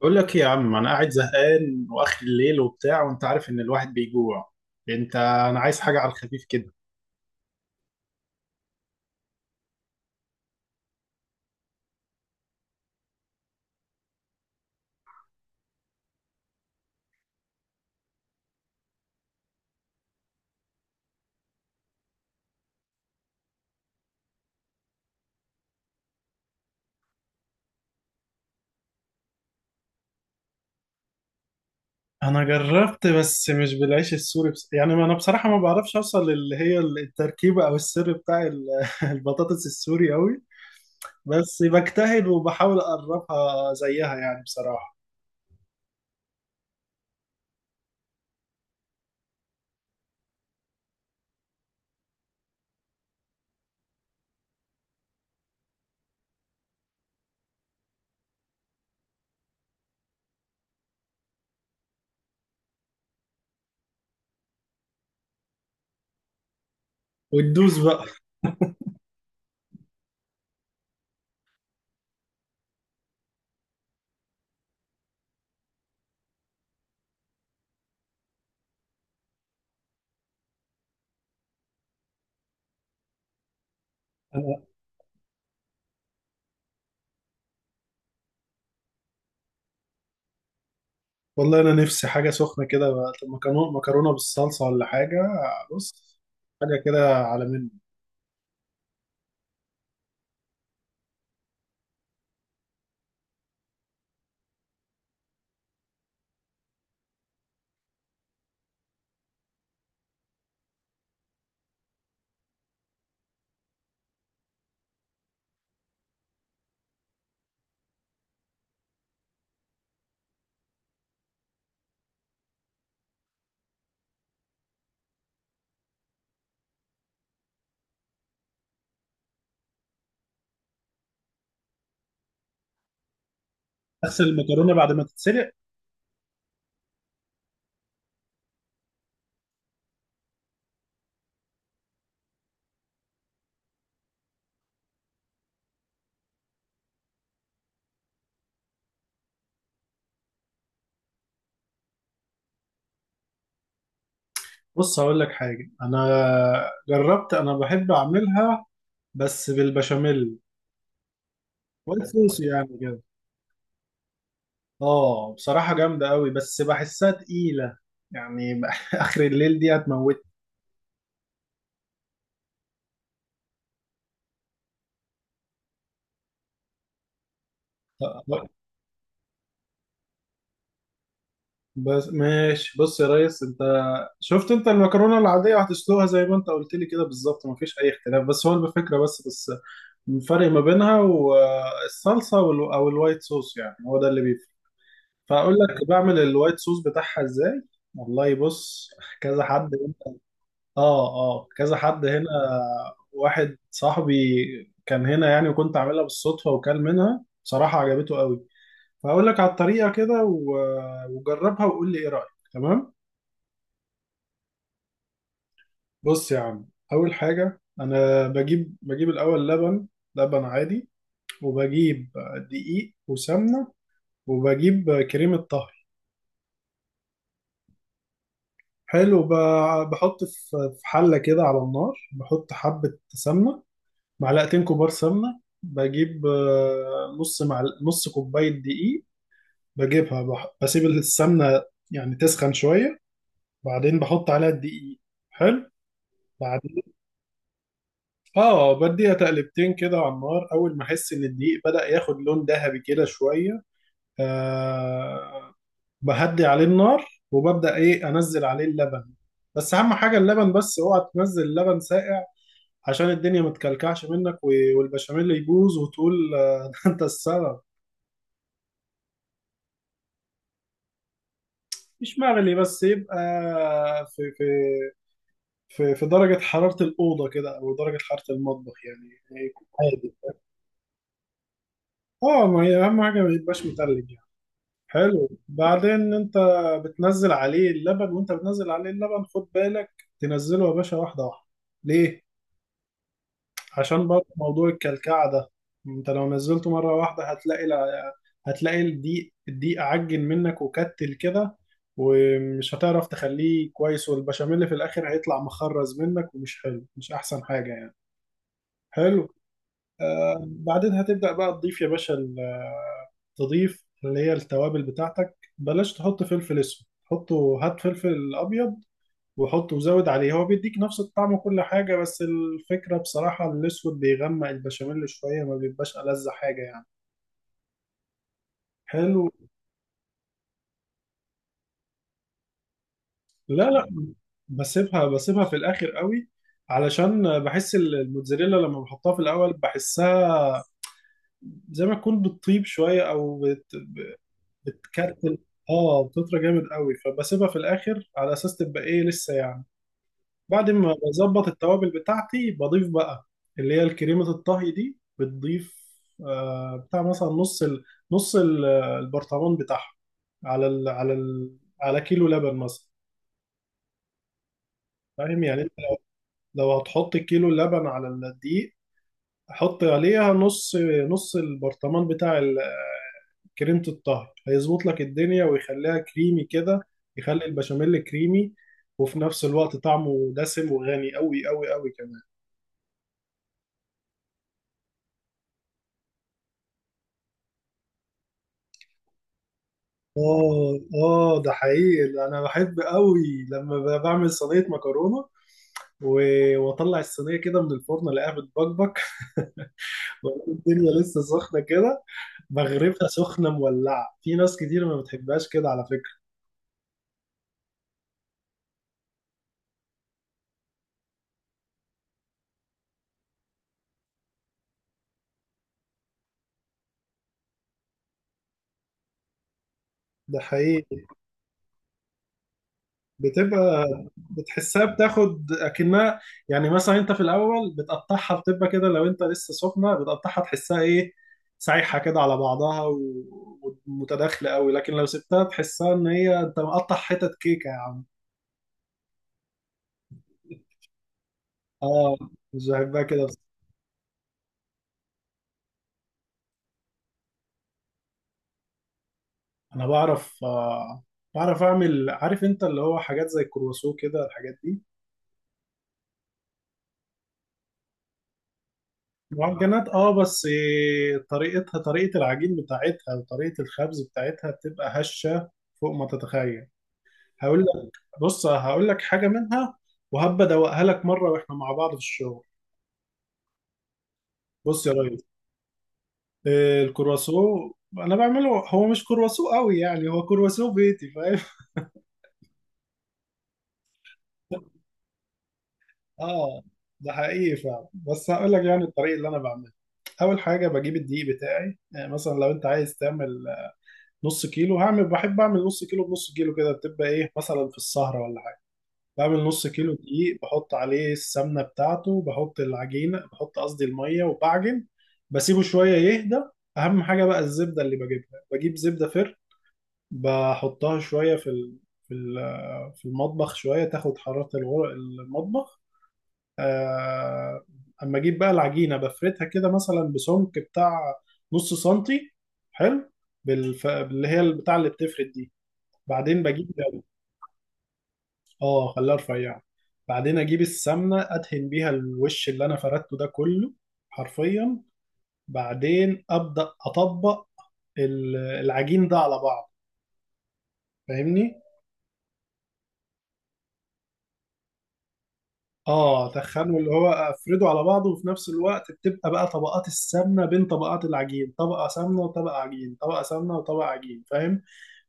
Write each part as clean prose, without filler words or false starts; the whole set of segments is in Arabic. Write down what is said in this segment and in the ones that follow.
بقول لك إيه يا عم، انا قاعد زهقان واخر الليل وبتاع، وانت عارف ان الواحد بيجوع. انا عايز حاجه على الخفيف كده. انا جربت بس مش بالعيش السوري، بس يعني ما انا بصراحه ما بعرفش اوصل اللي هي التركيبه او السر بتاع البطاطس السوري قوي. بس بجتهد وبحاول اقربها زيها يعني بصراحه. وتدوس بقى. أنا والله انا نفسي حاجه سخنه كده بقى. مكرونه مكرونه بالصلصه ولا حاجه. بص، حاجه كده على منه. اغسل المكرونه بعد ما تتسلق. بص هقول لك حاجة. أنا جربت، أنا بحب أعملها بس بالبشاميل والصوص يعني كده. آه، بصراحة جامدة أوي بس بحسها تقيلة يعني. آخر الليل دي هتموت. بس ماشي. بص يا ريس، أنت شفت أنت المكرونة العادية هتسلقها زي ما أنت قلت لي كده بالظبط، مفيش أي اختلاف. بس هو الفكرة بس الفرق ما بينها والصلصة أو الوايت صوص، يعني هو ده اللي بيفرق. فاقول لك بعمل الوايت صوص بتاعها ازاي. والله بص، كذا حد هنا. اه اه، كذا حد هنا. واحد صاحبي كان هنا يعني، وكنت عاملها بالصدفه، وكل منها بصراحه عجبته قوي. فاقول لك على الطريقه كده وجربها وقول لي ايه رايك، تمام. بص يا عم، اول حاجه انا بجيب الاول لبن. لبن عادي. وبجيب دقيق وسمنه، وبجيب كريمه طهي. حلو، بحط في حلة كده على النار. بحط حبة سمنة، معلقتين كبار سمنة. بجيب نص كوباية دقيق. بجيبها، بسيب السمنة يعني تسخن شوية، بعدين بحط عليها الدقيق. حلو. بعدين اه بديها تقلبتين كده على النار، اول ما احس ان الدقيق بدأ ياخد لون ذهبي كده شوية، آه... بهدي عليه النار وببدأ ايه انزل عليه اللبن. بس اهم حاجة اللبن، بس اوعى تنزل اللبن ساقع، عشان الدنيا ما تكلكعش منك والبشاميل يبوظ وتقول ده انت السبب. مش مغلي، بس يبقى في في في درجة حرارة الأوضة كده، أو درجة حرارة المطبخ يعني، يكون هادي. اه، ما هي أهم حاجة ما يبقاش متلج يعني. حلو. بعدين أنت بتنزل عليه اللبن، وأنت بتنزل عليه اللبن خد بالك تنزله يا باشا واحدة واحدة. ليه؟ عشان برضه موضوع الكلكعة ده. انت لو نزلته مرة واحدة هتلاقي، لا، هتلاقي الدقيق عجن منك وكتل كده، ومش هتعرف تخليه كويس، والبشاميل في الآخر هيطلع مخرز منك ومش حلو، مش أحسن حاجة يعني. حلو. بعدين هتبدأ بقى تضيف يا باشا تضيف اللي هي التوابل بتاعتك. بلاش تحط فلفل اسود، حطه هات فلفل أبيض وحط وزود عليه، هو بيديك نفس الطعم وكل حاجة، بس الفكرة بصراحة الأسود بيغمق البشاميل شوية، ما بيبقاش ألذ حاجة يعني. حلو. لا لا، بسيبها في الآخر قوي. علشان بحس الموتزاريلا لما بحطها في الأول بحسها زي ما تكون بتطيب شوية، بتكتل. اه، بتطرى جامد قوي. فبسيبها في الآخر على أساس تبقى إيه لسه يعني. بعد ما بظبط التوابل بتاعتي بضيف بقى اللي هي الكريمة الطهي دي بتضيف. بتاع مثلا نص البرطمان بتاعها، على ال... على ال... على كيلو لبن مثلا. فاهم يعني انت؟ لو هتحط كيلو لبن على الدقيق، حط عليها نص، نص البرطمان بتاع كريمة الطهي هيظبط لك الدنيا ويخليها كريمي كده، يخلي البشاميل كريمي، وفي نفس الوقت طعمه دسم وغني قوي قوي قوي كمان. اه اه، ده حقيقي. انا بحب قوي لما بعمل صينيه مكرونه، واطلع الصينيه كده من الفرن الاقيها بتبكبك. وألاقي الدنيا لسه سخنه كده، بغرفها سخنه مولعه. في ناس كتير ما بتحبهاش كده على فكره. ده حقيقي. بتبقى بتحسها بتاخد اكنها، يعني مثلا انت في الاول بتقطعها بتبقى كده، لو انت لسه سخنه بتقطعها تحسها ايه، سايحه كده على بعضها ومتداخله قوي. لكن لو سبتها تحسها ان هي انت مقطع حتت كيكه يا عم. اه، مش بحبها كده بس. انا بعرف، آه، بعرف اعمل. عارف انت اللي هو حاجات زي الكرواسون كده، الحاجات دي معجنات. اه بس طريقتها، طريقه العجين بتاعتها وطريقه الخبز بتاعتها، بتبقى هشه فوق ما تتخيل. هقول بص هقول لك حاجة منها، وهبقى ادوقها لك مرة واحنا مع بعض في الشغل. بص يا ريس، الكرواسون انا بعمله هو مش كرواسون قوي يعني، هو كرواسون بيتي، فاهم. اه، ده حقيقي فعلا. بس هقول لك يعني الطريقة اللي انا بعملها. اول حاجة بجيب الدقيق بتاعي. يعني مثلا لو انت عايز تعمل نص كيلو، هعمل بحب اعمل نص كيلو، بنص كيلو كده بتبقى ايه مثلا في السهرة ولا. بعمل نص كيلو دقيق، بحط عليه السمنة بتاعته، بحط العجينة، بحط قصدي المية وبعجن. بسيبه شوية يهدى. أهم حاجة بقى الزبدة، اللي بجيبها بجيب زبدة فر. بحطها شوية في ال... في المطبخ شوية تاخد حرارة المطبخ. آه، أما أجيب بقى العجينة بفردها كده مثلا بسمك بتاع نص سنتي. حلو. اللي هي البتاع اللي بتفرد دي. بعدين بجيب. اه، خليها رفيعة. بعدين اجيب السمنة، ادهن بيها الوش اللي انا فردته ده كله حرفيا. بعدين ابدا اطبق العجين ده على بعض، فاهمني. اه، تخنه اللي هو افرده على بعضه، وفي نفس الوقت بتبقى بقى طبقات السمنة بين طبقات العجين، طبقة سمنة وطبقة عجين، طبقة سمنة وطبقة عجين، فاهم.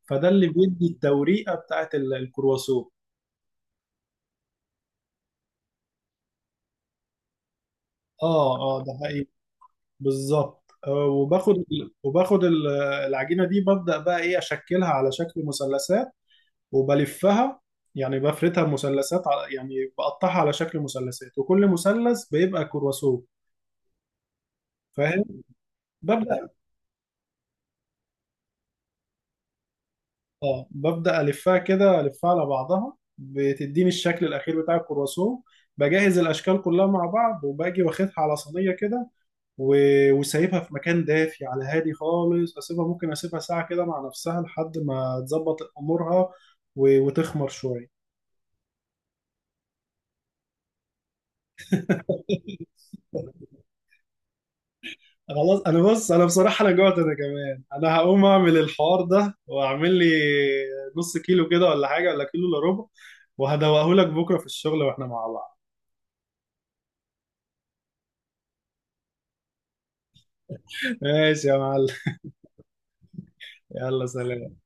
فده اللي بيدي التوريقة بتاعت الكرواسون. اه اه، ده حقيقي. بالظبط، وباخد العجينه دي، ببدا بقى ايه اشكلها على شكل مثلثات وبلفها. يعني بفردها مثلثات يعني بقطعها على شكل مثلثات، وكل مثلث بيبقى كرواسون، فاهم. ببدا اه ببدا الفها كده، الفها على بعضها، بتديني الشكل الاخير بتاع الكرواسون. بجهز الاشكال كلها مع بعض، وباجي واخدها على صينيه كده وسايبها في مكان دافي على هادي خالص، اسيبها ممكن اسيبها ساعة كده مع نفسها لحد ما تظبط امورها وتخمر شوية. خلاص. انا بص، انا بصراحة انا جوعت، انا كمان انا هقوم اعمل الحوار ده واعمل لي نص كيلو كده ولا حاجة، ولا كيلو الا ربع. وهدوقهولك بكرة في الشغل واحنا مع بعض. ماشي يا معلم. يلا سلام.